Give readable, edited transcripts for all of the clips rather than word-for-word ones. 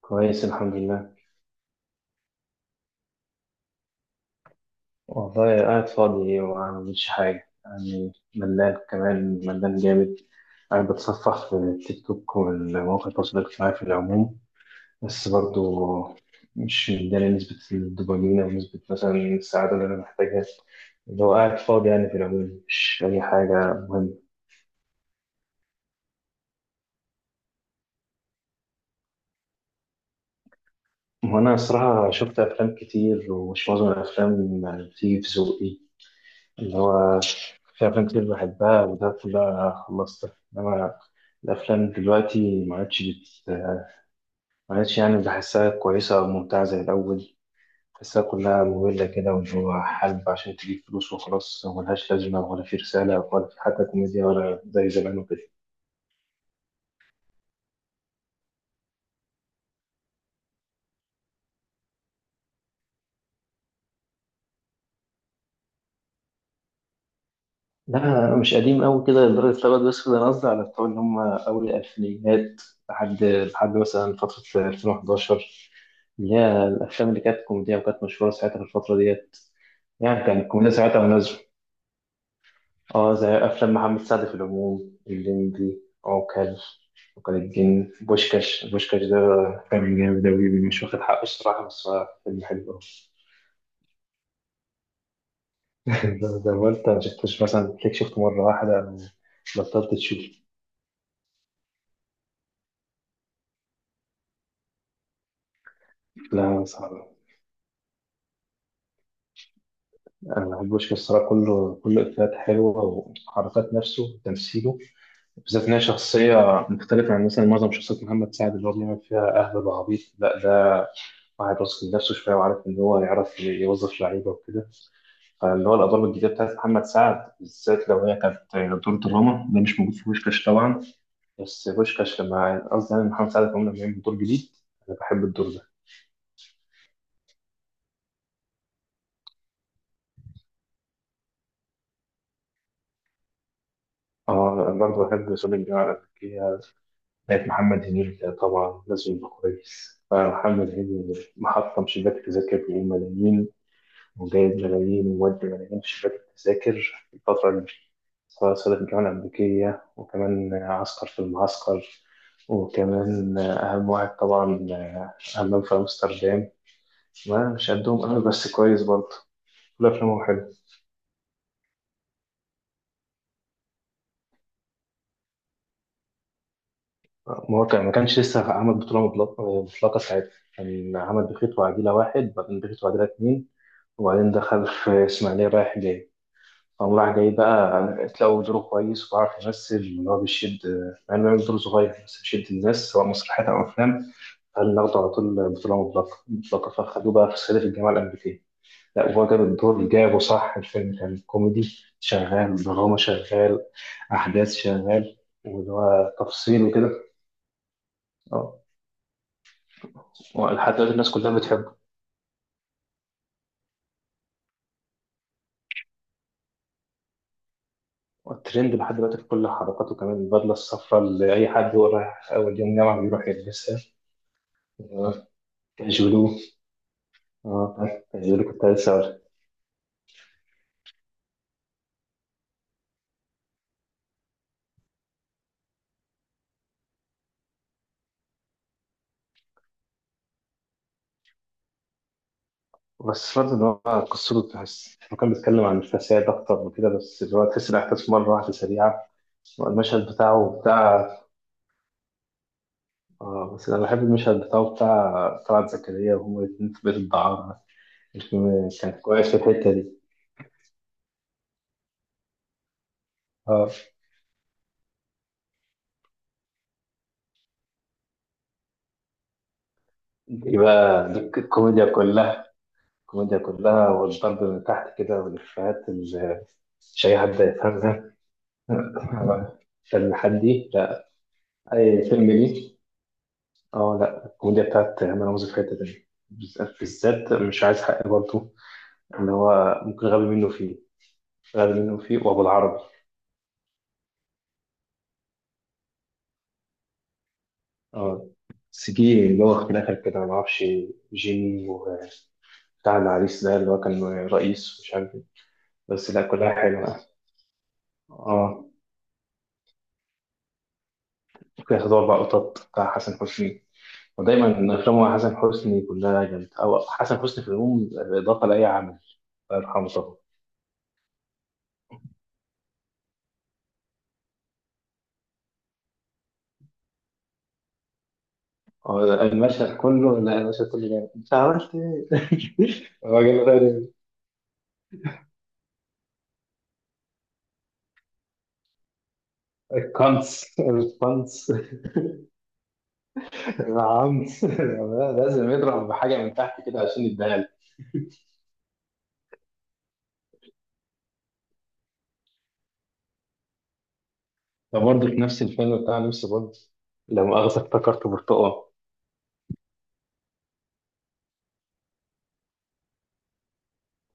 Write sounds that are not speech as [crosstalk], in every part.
كويس، الحمد لله. والله قاعد فاضي وما بعملش حاجة، يعني ملان، كمان ملان جامد. قاعد بتصفح في التيك توك والمواقع التواصل الاجتماعي في العموم، بس برضو مش مداني نسبة الدوبامين أو نسبة مثلا السعادة اللي أنا محتاجها. اللي هو قاعد فاضي يعني، في العموم مش أي حاجة مهمة. وأنا الصراحة شفت أفلام كتير، ومش معظم الأفلام يعني بتيجي في ذوقي. اللي هو في أفلام كتير بحبها وده بقى خلصتها، إنما الأفلام دلوقتي ما عادش يعني بحسها كويسة أو ممتعة زي الأول. بحسها كلها مملة كده، واللي هو حلب عشان تجيب فلوس وخلاص، ملهاش لازمة، ولا في رسالة، ولا في حتى كوميديا ولا زي زمان وكده. لا، أنا مش قديم أوي كده لدرجة الأبيض، بس ده أنا قصدي على بتوع اللي هم أول الألفينيات. لحد مثلا فترة 2011، اللي هي الأفلام اللي كانت كوميدية وكانت مشهورة ساعتها في الفترة ديت. يعني كانت الكوميديا ساعتها مناسبة. اه، زي افلام محمد سعد في العموم، الليمبي، عوكل، عوكل الدين، بوشكاش ده كان جامد أوي، مش واخد حقه الصراحة، بس هو فيلم حلو أوي. [laughs] ده وأنت ما شفتوش مثلا، تلاقيك شفته مرة واحدة أو بطلت تشوف؟ لا صعب، أنا بحب بوشكاش الصراحة، كله كله إفيهات حلوة، وحركات نفسه وتمثيله. بالذات إن هي شخصية مختلفة عن مثلا معظم شخصيات محمد سعد اللي هو بيعمل فيها أهبل وعبيط، لا ده واحد واثق من نفسه شوية وعارف إن هو يعرف يوظف لعيبة وكده. فاللي هو الادوار الجديده بتاعت محمد سعد، بالذات لو هي كانت دور دراما، ده مش موجود في بوشكاش طبعا. بس بوشكاش لما قصدي يعني محمد سعد كمان لما يعمل دور جديد، انا بحب الدور ده. اه، انا برضه بحب صليب الجامعه الامريكيه بتاعت محمد هنيدي. طبعا لازم يبقى كويس، فمحمد هنيدي محطم شباك تذاكر بملايين، وجايب ملايين ومودي ملايين في شباك التذاكر في الفترة اللي مشيت، سواء صعد الجامعة الأمريكية، وكمان عسكر في المعسكر، وكمان أهم واحد طبعا، أمام في أمستردام. ما مش قدهم أنا، بس كويس برضه، كل أفلامهم حلو. مواقع ما كانش لسه عمل بطولة مطلقة مطلقة ساعتها، كان عمل بخيت وعديلة واحد، بعدين بخيت وعديلة اتنين، وبعدين دخل في إسماعيلية رايح جاي. هو راح جاي بقى لو دوره كويس وعارف يمثل، اللي هو بيشد، مع انه يعمل دور صغير بس بيشد الناس، سواء مسرحيات او افلام. قال ناخده على طول بطوله مطلقه مطلقه، فخدوه بقى في صعيدي في الجامعه الامريكيه. لا وهو جاب الدور جابه صح، الفيلم كان كوميدي شغال، دراما شغال، احداث شغال، واللي هو تفصيل وكده. اه، لحد دلوقتي الناس كلها بتحبه. الترند لحد دلوقتي في كل حركاته، كمان البدله الصفراء اللي اي حد هو رايح اول يوم جامعه بيروح يلبسها. آه، كاجولو. اه عارف، دي اللي كنت عايز اقول. بس برضه ان هو قصته، تحس هو كان بيتكلم عن الفساد اكتر وكده، بس اللي هو تحس الاحداث مره واحده سريعه. المشهد بتاعه بتاع، اه بس انا بحب المشهد بتاعه بتاع طلعت زكريا وهما الاتنين في بيت الدعارة. الفيلم كان كويس في الحته دي. اه، دي الكوميديا كلها، الكوميديا كلها والضرب من تحت كده، والإفيهات اللي مش أي حد يفهمها. [laughs] فيلم حدي، لا أي فيلم ليه. اه لا، الكوميديا بتاعت هنا رمزي في حتة تانية، بالذات، مش عايز حق برضه، اللي هو ممكن غبي منه فيه، غبي منه فيه، وأبو العربي. اه بس جه اللي هو في الآخر كده، معرفش، جيمي، وبتاع العريس ده اللي هو كان رئيس مش عارف ايه، بس لا كلها حلوة. اه ممكن ياخد أربع قطط بتاع حسن حسني، ودايما أفلام حسن حسني كلها جامدة، أو حسن حسني في العموم إضافة لأي عمل، الله يرحمه طبعا. المشهد كله، لا المشهد كله جامد، انت عملت ايه؟ الراجل غير. الكنس، الكنس، العنس. [laughs] لازم يضرب بحاجة من تحت كده عشان يتدهل. ده برضه في نفس الفيلم بتاع نفس برضه، لا مؤاخذة افتكرت برتقال.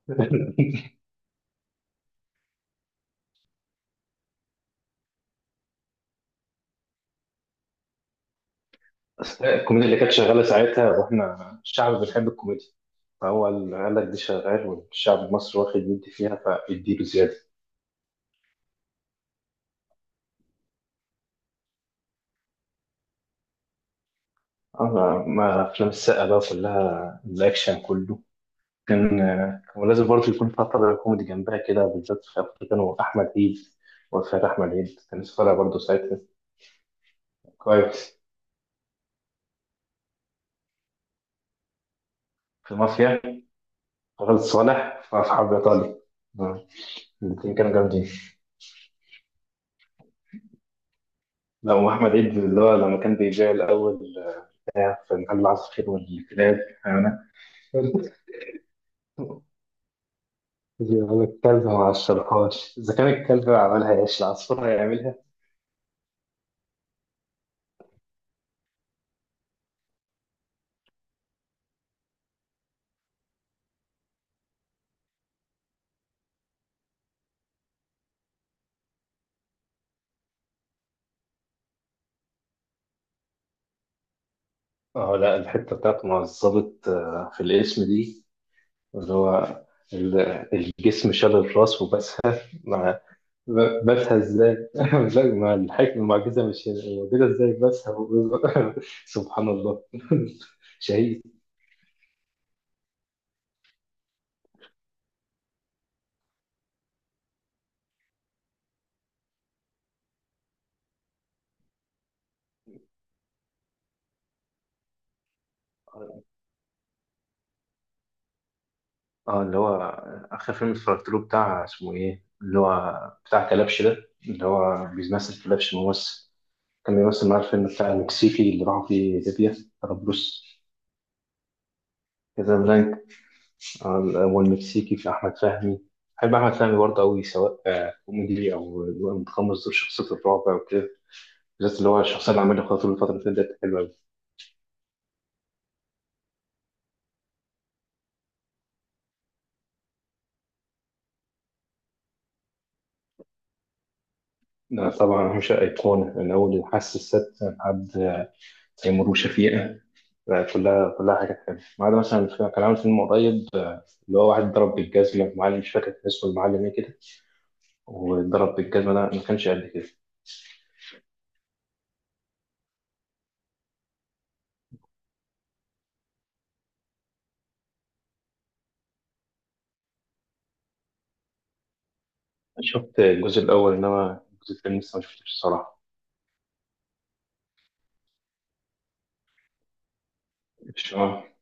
[laughs] الكوميديا اللي كانت شغالة ساعتها، واحنا الشعب بنحب الكوميديا، فهو اللي قال لك دي شغال، والشعب المصري واخد يدي فيها، فيديله زيادة. أنا ما أفلام السقا بقى كلها الأكشن كله. كان لازم برضه يكون فترة كوميدي جنبها كده، بالذات في أفريقيا كانوا أحمد عيد، وفرح أحمد عيد كان لسه طالع برضه ساعتها. كويس، في مافيا، خالد صالح في أصحاب إيطالي، الاثنين كانوا جامدين. لا وأحمد عيد اللي هو لما كان بيبيع الأول بتاع في محل العصافير والكلاب. أنا بيقول لك الكلب ما عشرهاش، إذا كان الكلب عملها إيش، العصفور هيعملها؟ اه لا، الحتة بتاعت مع الظابط، في الاسم دي، اللي هو ال- الجسم شال الراس وبسها مع بسها ازاي؟ [laughs] لا مع الحكمة المعجزة، مش موجودة ازاي بسها و-. [laughs] سبحان الله. [laughs] شهيد. اه اللي هو، آخر فيلم اتفرجت له بتاع اسمه ايه، اللي هو بتاع كلبش ده، اللي هو بيمثل كلبش ممثل، كان بيمثل معاه الفيلم بتاع المكسيكي اللي راحوا فيه ليبيا، طرابلس، كازابلانكا. والمكسيكي في أحمد فهمي. بحب أحمد فهمي برضه أوي، سواء كوميدي أو متقمص دور شخصية الرعب أو كده، بالذات اللي هو الشخصية اللي عملها خاطر الفترة اللي فاتت، حلوة أوي. طبعا أهم شيء، أيقونة من أول الحاسة السادسة لحد تيمور وشفيقة. كلها كلها حاجات حلوة، ما عدا مثلا كان عامل فيلم قريب، اللي هو واحد ضرب بالجزمة معلم، مش فاكر كان اسمه المعلم إيه كده، وضرب بالجزمة ده ما كانش قد كده. شفت الجزء الأول، إنما الجزء الثاني لسه ما شفتوش الصراحة. مش- آه.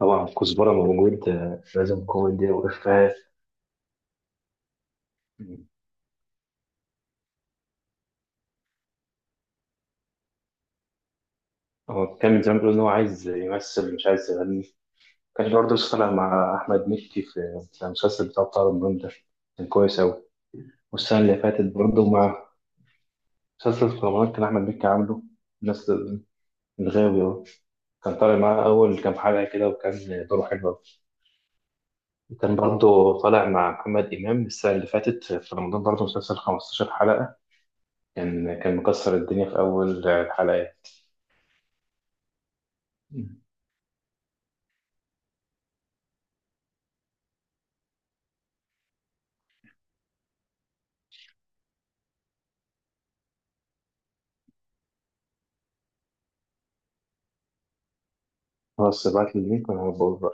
طبعا كزبرة موجود، لازم كوميديا وإفيهات. هو كان زمان بيقول إن هو عايز يمثل مش عايز يغني. كان برضه لسه طالع مع أحمد مكي في المسلسل بتاع رمضان ده، كان كويس أوي. والسنة اللي فاتت برضه مع، مسلسل في رمضان كان أحمد مكي عامله، الناس، الغاوي أهو. كان طالع معاه أول كام حلقة كده وكان دوره حلو أوي. وكان برضه طالع مع محمد إمام السنة اللي فاتت في رمضان برضه مسلسل 15 حلقة، كان مكسر الدنيا في أول الحلقات. خلاص ابعت لي اللينك وانا هبقى